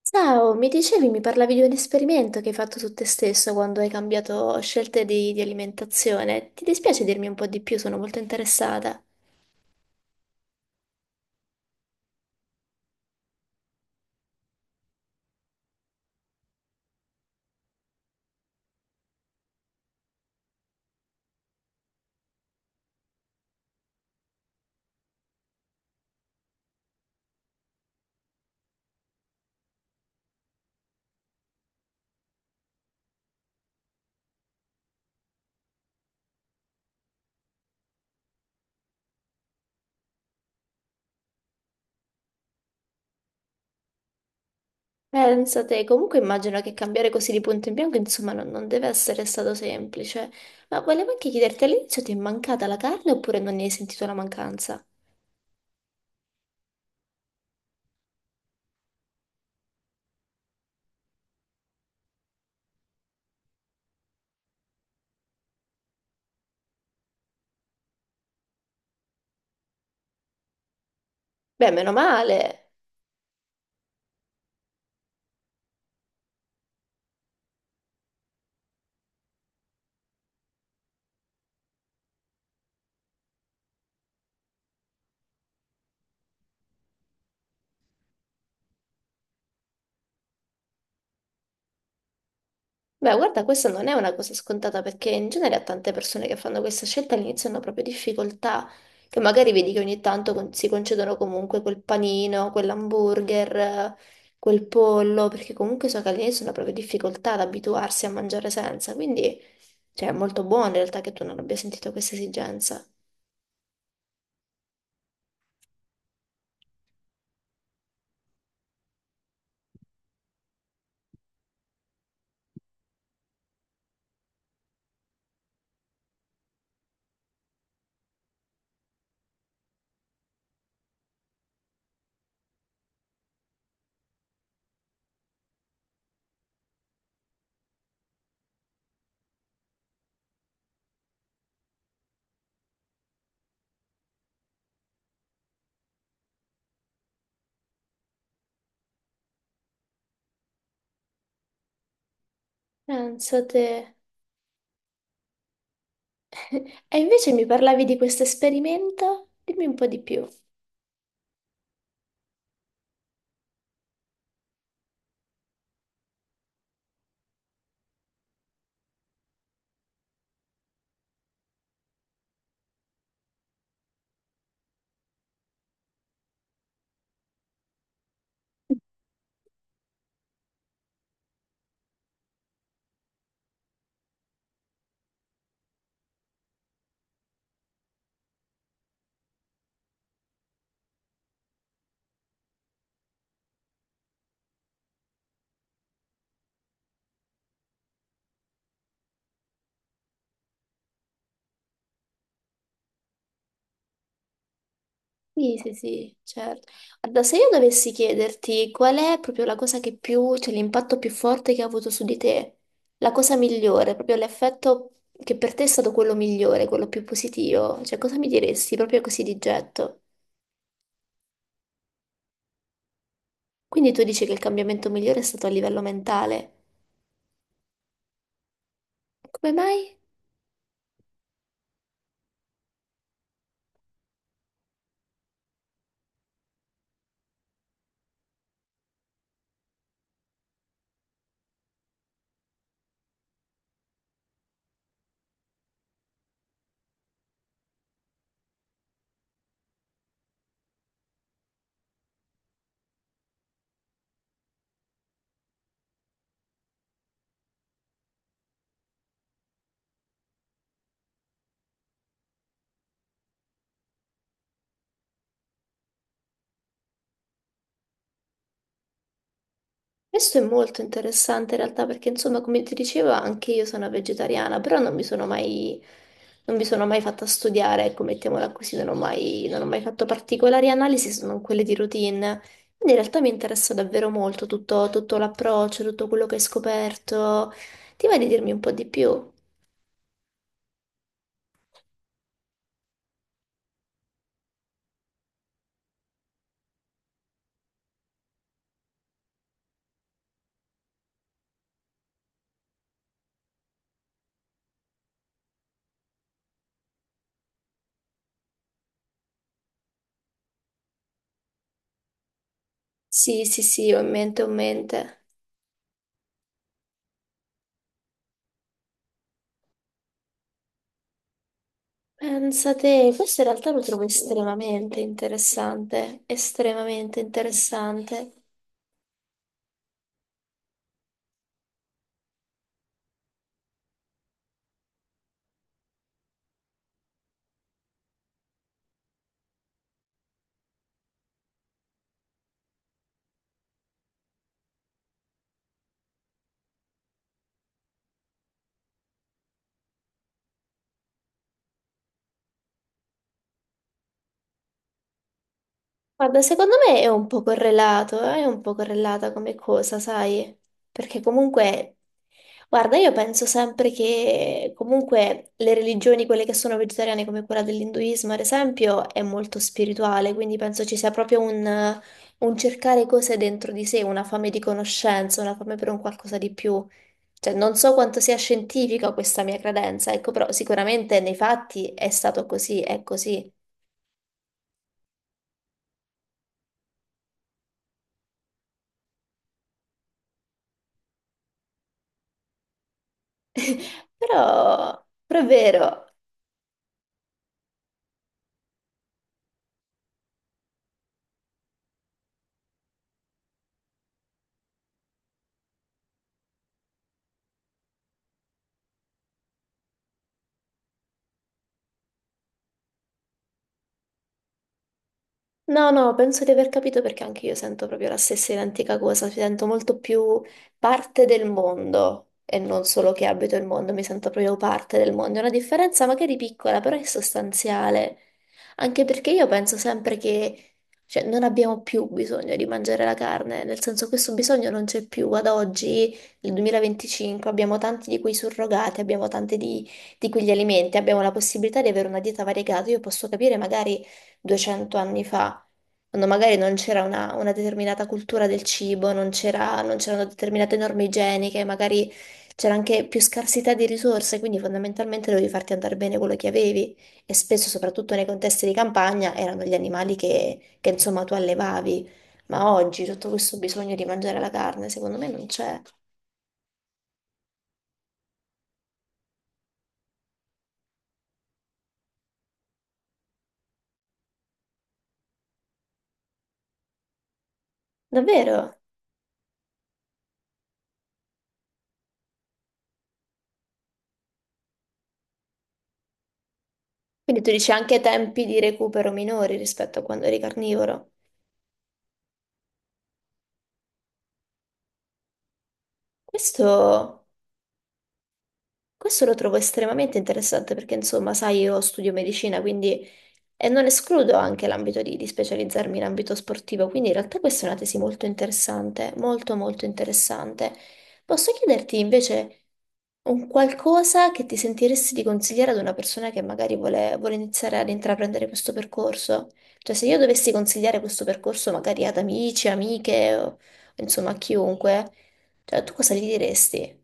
Ciao, mi dicevi, mi parlavi di un esperimento che hai fatto tu te stesso quando hai cambiato scelte di alimentazione. Ti dispiace dirmi un po' di più? Sono molto interessata. Pensate, comunque immagino che cambiare così di punto in bianco, insomma, non deve essere stato semplice. Ma volevo anche chiederti, all'inizio ti è mancata la carne oppure non ne hai sentito la mancanza? Beh, meno male. Beh, guarda, questa non è una cosa scontata perché in genere a tante persone che fanno questa scelta all'inizio hanno proprio difficoltà, che magari vedi che ogni tanto si concedono comunque quel panino, quell'hamburger, quel pollo, perché comunque so che all'inizio hanno proprio difficoltà ad abituarsi a mangiare senza, quindi cioè, è molto buono in realtà che tu non abbia sentito questa esigenza. Pensa te. E invece mi parlavi di questo esperimento? Dimmi un po' di più. Sì, sì, sì, certo. Guarda, se io dovessi chiederti qual è proprio la cosa che più, cioè l'impatto più forte che ha avuto su di te, la cosa migliore, proprio l'effetto che per te è stato quello migliore, quello più positivo, cioè cosa mi diresti proprio così di getto? Quindi tu dici che il cambiamento migliore è stato a livello mentale. Come mai? Questo è molto interessante in realtà perché insomma come ti dicevo anche io sono vegetariana, però non mi sono mai fatta studiare, ecco, mettiamola così, non ho mai fatto particolari analisi se non quelle di routine. Quindi in realtà mi interessa davvero molto tutto, tutto l'approccio, tutto quello che hai scoperto. Ti va di dirmi un po' di più? Sì, sì, sì, ho in mente, ho in mente. Pensa te, questo in realtà lo trovo estremamente interessante, estremamente interessante. Guarda, secondo me è un po' correlato, è un po' correlata come cosa, sai? Perché comunque, guarda, io penso sempre che comunque le religioni, quelle che sono vegetariane come quella dell'induismo, ad esempio, è molto spirituale, quindi penso ci sia proprio un cercare cose dentro di sé, una fame di conoscenza, una fame per un qualcosa di più. Cioè, non so quanto sia scientifica questa mia credenza, ecco, però sicuramente nei fatti è stato così, è così. Però, però è vero. No, no, penso di aver capito perché anche io sento proprio la stessa identica cosa, mi sento molto più parte del mondo e non solo che abito il mondo, mi sento proprio parte del mondo. È una differenza magari piccola, però è sostanziale, anche perché io penso sempre che, cioè, non abbiamo più bisogno di mangiare la carne, nel senso questo bisogno non c'è più. Ad oggi, nel 2025, abbiamo tanti di quei surrogati, abbiamo tanti di quegli alimenti, abbiamo la possibilità di avere una dieta variegata, io posso capire magari 200 anni fa, quando magari non c'era una determinata cultura del cibo, non c'erano determinate norme igieniche, magari c'era anche più scarsità di risorse, quindi fondamentalmente dovevi farti andare bene quello che avevi e spesso, soprattutto nei contesti di campagna, erano gli animali insomma tu allevavi. Ma oggi tutto questo bisogno di mangiare la carne, secondo me non c'è. Davvero? Quindi tu dici anche tempi di recupero minori rispetto a quando eri carnivoro. Questo Questo lo trovo estremamente interessante perché, insomma, sai, io studio medicina, quindi e non escludo anche l'ambito di specializzarmi in ambito sportivo, quindi in realtà questa è una tesi molto interessante, molto molto interessante. Posso chiederti invece un qualcosa che ti sentiresti di consigliare ad una persona che magari vuole iniziare ad intraprendere questo percorso? Cioè, se io dovessi consigliare questo percorso magari ad amici, amiche, o, insomma, a chiunque, cioè, tu cosa gli diresti?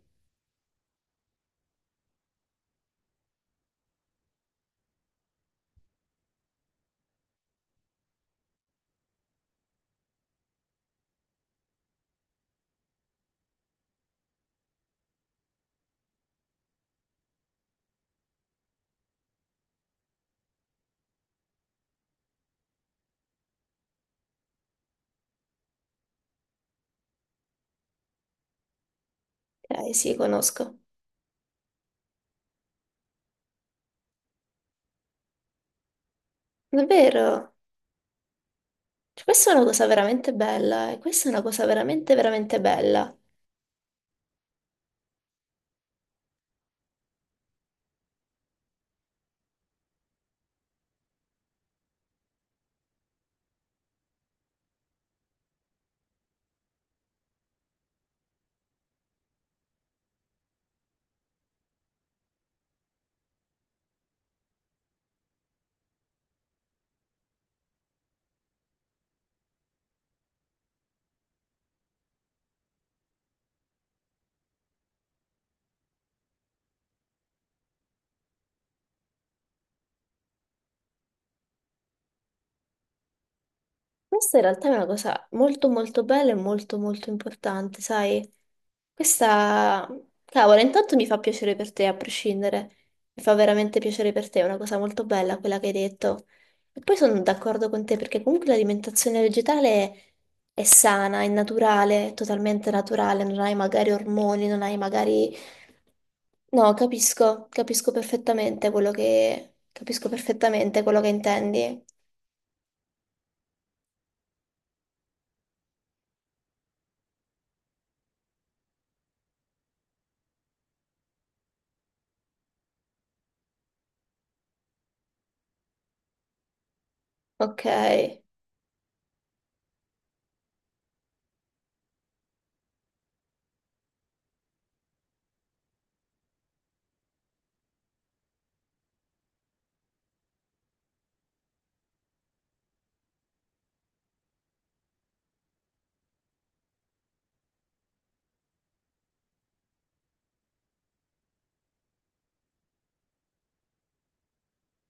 Sì, conosco. Davvero? Cioè, questa è una cosa veramente bella, e questa è una cosa veramente, veramente bella. Questa in realtà è una cosa molto, molto bella e molto, molto importante, sai? Questa, cavolo, intanto mi fa piacere per te a prescindere, mi fa veramente piacere per te, è una cosa molto bella quella che hai detto. E poi sono d'accordo con te perché comunque l'alimentazione vegetale è sana, è naturale, è totalmente naturale, non hai magari ormoni, non hai magari... No, capisco, capisco perfettamente quello che... capisco perfettamente quello che intendi. Ok.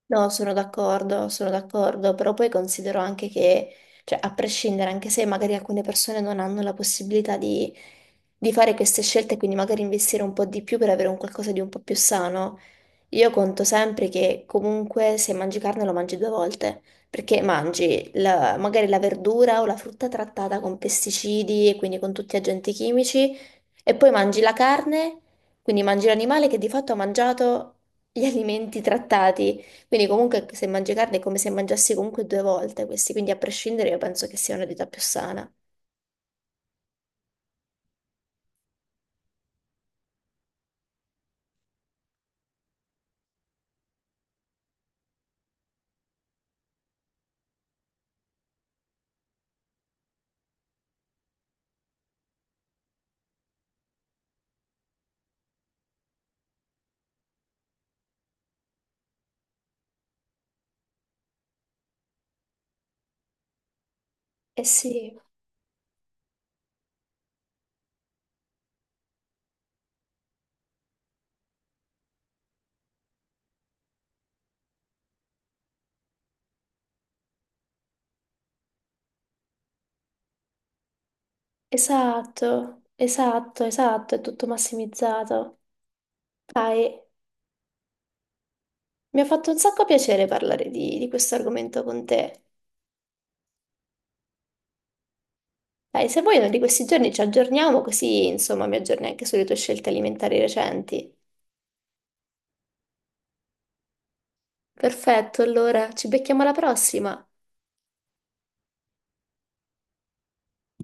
No, sono d'accordo, però poi considero anche che, cioè, a prescindere, anche se magari alcune persone non hanno la possibilità di fare queste scelte, quindi magari investire un po' di più per avere un qualcosa di un po' più sano, io conto sempre che comunque se mangi carne lo mangi due volte, perché mangi magari la verdura o la frutta trattata con pesticidi e quindi con tutti gli agenti chimici e poi mangi la carne, quindi mangi l'animale che di fatto ha mangiato gli alimenti trattati. Quindi comunque se mangi carne è come se mangiassi comunque due volte questi, quindi a prescindere io penso che sia una dieta più sana. Eh sì, esatto, esatto, esatto, è tutto massimizzato. Dai. Mi ha fatto un sacco piacere parlare di questo argomento con te. Dai, se vuoi, uno di questi giorni ci aggiorniamo, così insomma mi aggiorni anche sulle tue scelte alimentari recenti. Perfetto, allora ci becchiamo alla prossima.